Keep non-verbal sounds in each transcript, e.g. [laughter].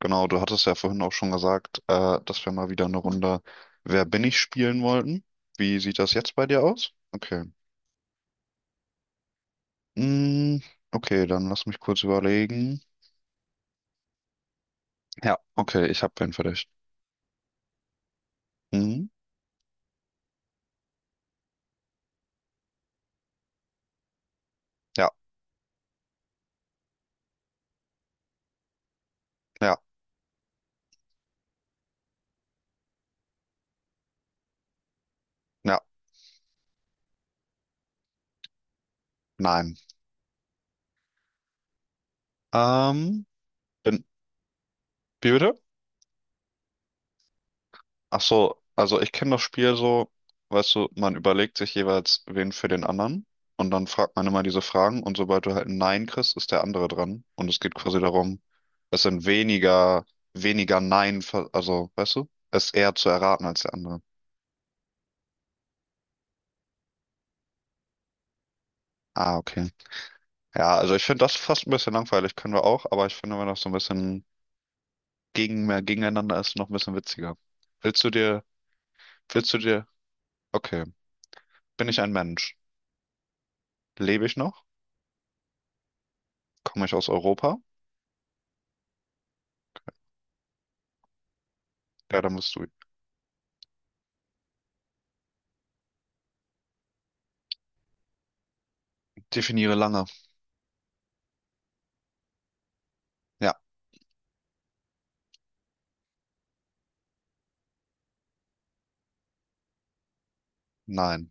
Genau, du hattest ja vorhin auch schon gesagt, dass wir mal wieder eine Runde Wer bin ich spielen wollten. Wie sieht das jetzt bei dir aus? Okay. Mm, okay, dann lass mich kurz überlegen. Ja, okay, ich habe wen für dich. Mhm. Ja, ja, ja, nein. Ähm, bin, wie bitte? Ach so, also ich kenne das Spiel so, weißt du, man überlegt sich jeweils wen für den anderen und dann fragt man immer diese Fragen, und sobald du halt ein Nein kriegst, ist der andere dran, und es geht quasi darum, es sind weniger, weniger Nein, ver- also weißt du, es ist eher zu erraten als der andere. Ah, okay. Ja, also ich finde das fast ein bisschen langweilig, können wir auch, aber ich finde, wenn das so ein bisschen mehr gegeneinander ist, noch ein bisschen witziger. Willst du dir, willst du dir, okay, bin ich ein Mensch? Lebe ich noch? Komme ich aus Europa? Ja, dann bist du. Definiere lange. Ja, nein.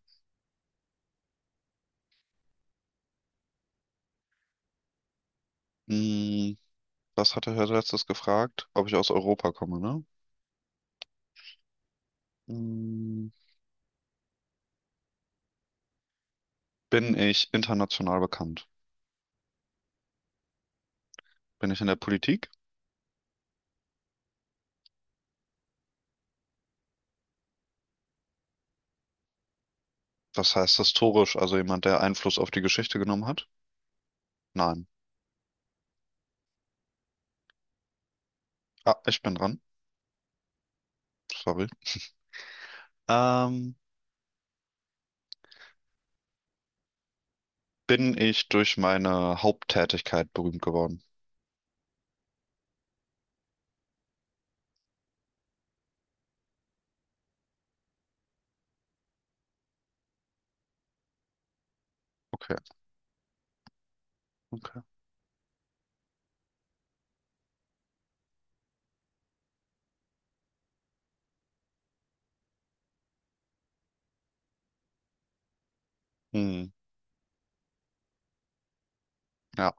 Hm, was hatte Herr letztes gefragt? Ob ich aus Europa komme, ne? Hm, bin ich international bekannt? Bin ich in der Politik? Was heißt historisch? Also jemand, der Einfluss auf die Geschichte genommen hat? Nein. Ah, ich bin dran. Sorry. Ähm, bin ich durch meine Haupttätigkeit berühmt geworden? Okay, okay. Hm, ja.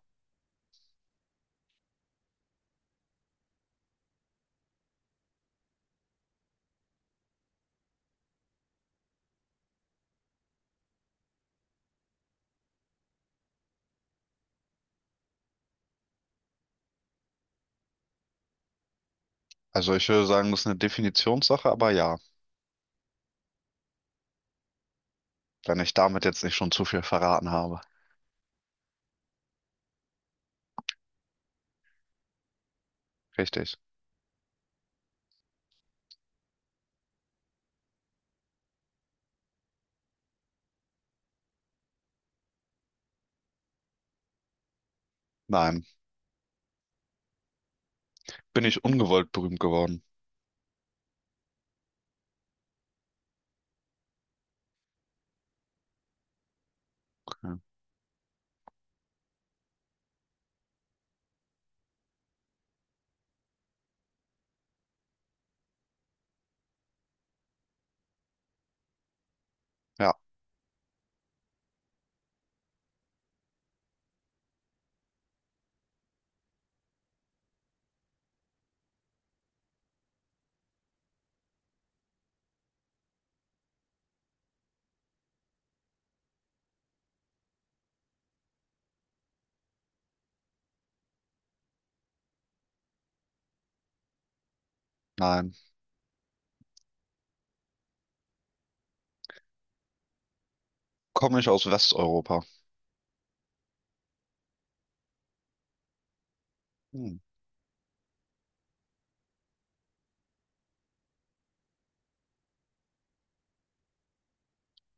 Also ich würde sagen, das ist eine Definitionssache, aber ja, wenn ich damit jetzt nicht schon zu viel verraten habe. Richtig. Nein. Bin ich ungewollt berühmt geworden? Okay. Ja, nein. Komme ich aus Westeuropa? Hm.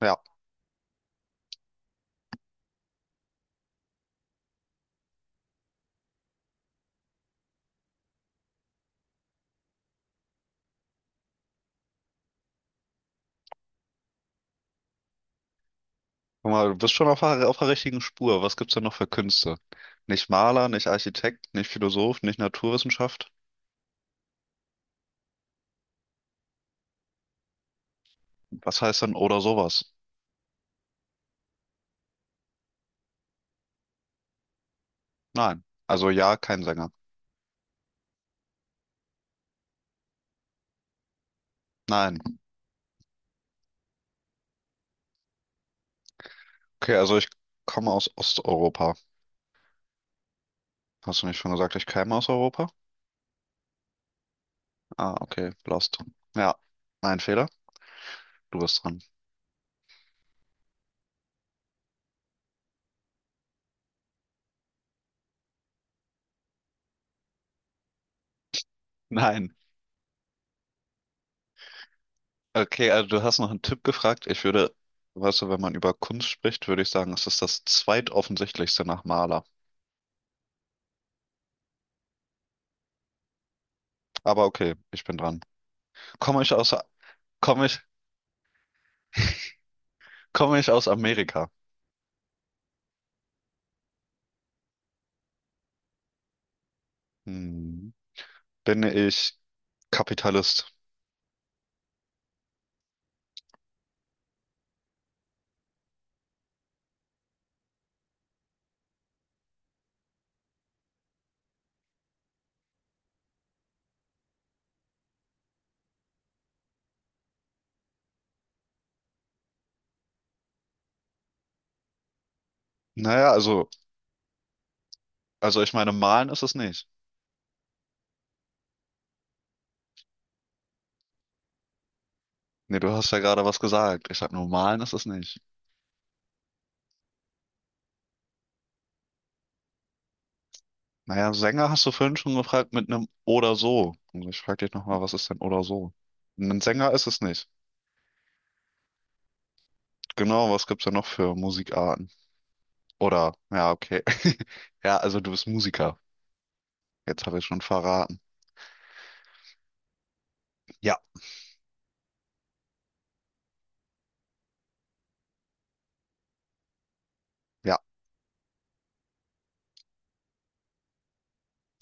Ja. Guck mal, du bist schon auf der richtigen Spur. Was gibt's denn noch für Künste? Nicht Maler, nicht Architekt, nicht Philosoph, nicht Naturwissenschaft. Was heißt denn oder sowas? Nein. Also ja, kein Sänger. Nein. Okay, also ich komme aus Osteuropa. Hast du nicht schon gesagt, ich käme aus Europa? Ah, okay, lost. Ja, mein Fehler. Du bist dran. Nein. Okay, also du hast nach einem Tipp gefragt. Ich würde, weißt du, wenn man über Kunst spricht, würde ich sagen, es ist das zweitoffensichtlichste nach Maler. Aber okay, ich bin dran. Komme ich aus, komme ich, [laughs] komme ich aus Amerika? Hm, bin ich Kapitalist? Naja, also, also ich meine, malen ist es nicht. Nee, du hast ja gerade was gesagt. Ich sag nur, malen ist es nicht. Naja, Sänger hast du vorhin schon gefragt mit einem oder so. Und ich frage dich nochmal, was ist denn oder so? Ein Sänger ist es nicht. Genau, was gibt's denn noch für Musikarten? Oder, ja, okay. [laughs] Ja, also du bist Musiker. Jetzt habe ich schon verraten. Ja, ja,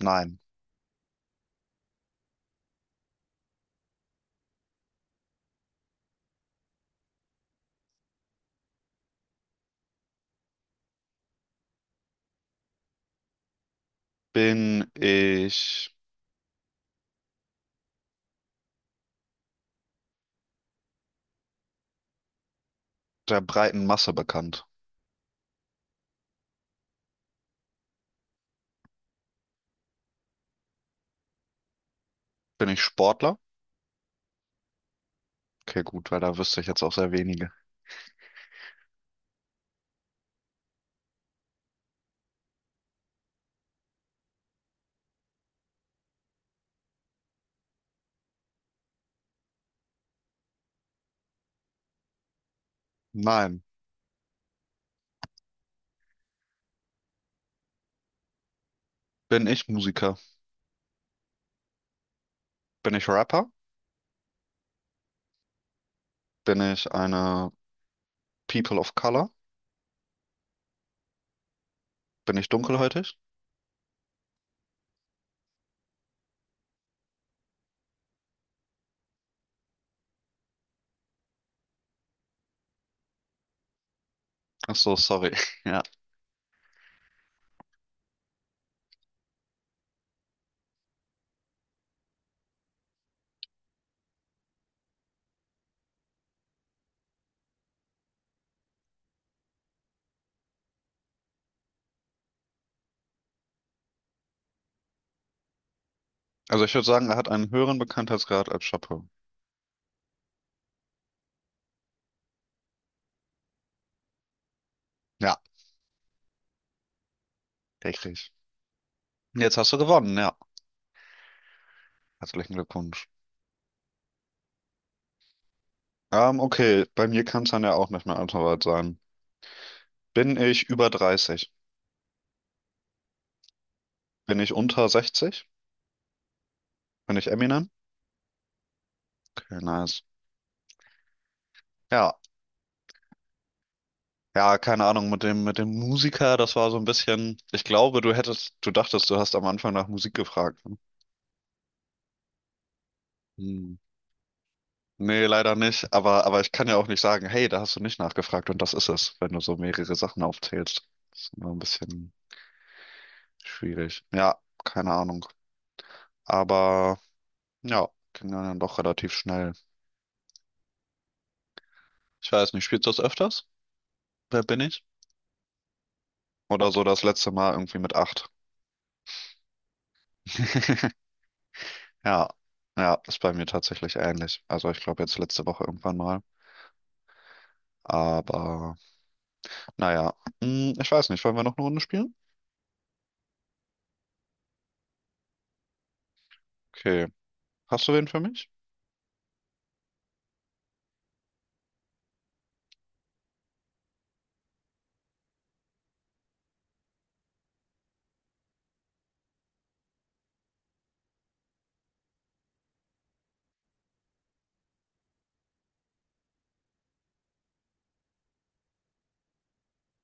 nein. Bin ich der breiten Masse bekannt? Bin ich Sportler? Okay, gut, weil da wüsste ich jetzt auch sehr wenige. Nein. Bin ich Musiker? Bin ich Rapper? Bin ich eine People of Color? Bin ich dunkelhäutig? Ach so, sorry. [laughs] Ja. Also ich würde sagen, er hat einen höheren Bekanntheitsgrad als Chapeau. Ja, richtig. Jetzt hast du gewonnen, ja. Herzlichen Glückwunsch. Okay, bei mir kann es dann ja auch nicht mehr allzu weit sein. Bin ich über 30? Bin ich unter 60? Bin ich Eminem? Okay, nice. Ja, ja, keine Ahnung, mit dem Musiker, das war so ein bisschen. Ich glaube, du dachtest, du hast am Anfang nach Musik gefragt. Ne? Hm. Nee, leider nicht. Aber ich kann ja auch nicht sagen, hey, da hast du nicht nachgefragt und das ist es, wenn du so mehrere Sachen aufzählst. Das ist immer ein bisschen schwierig. Ja, keine Ahnung. Aber ja, ging dann doch relativ schnell. Ich weiß nicht, spielst du das öfters? Wer bin ich? Oder so das letzte Mal irgendwie mit 8. [laughs] Ja, ja, ist bei mir tatsächlich ähnlich. Also ich glaube jetzt letzte Woche irgendwann mal. Aber naja, hm, ich weiß nicht, wollen wir noch eine Runde spielen? Okay. Hast du wen für mich?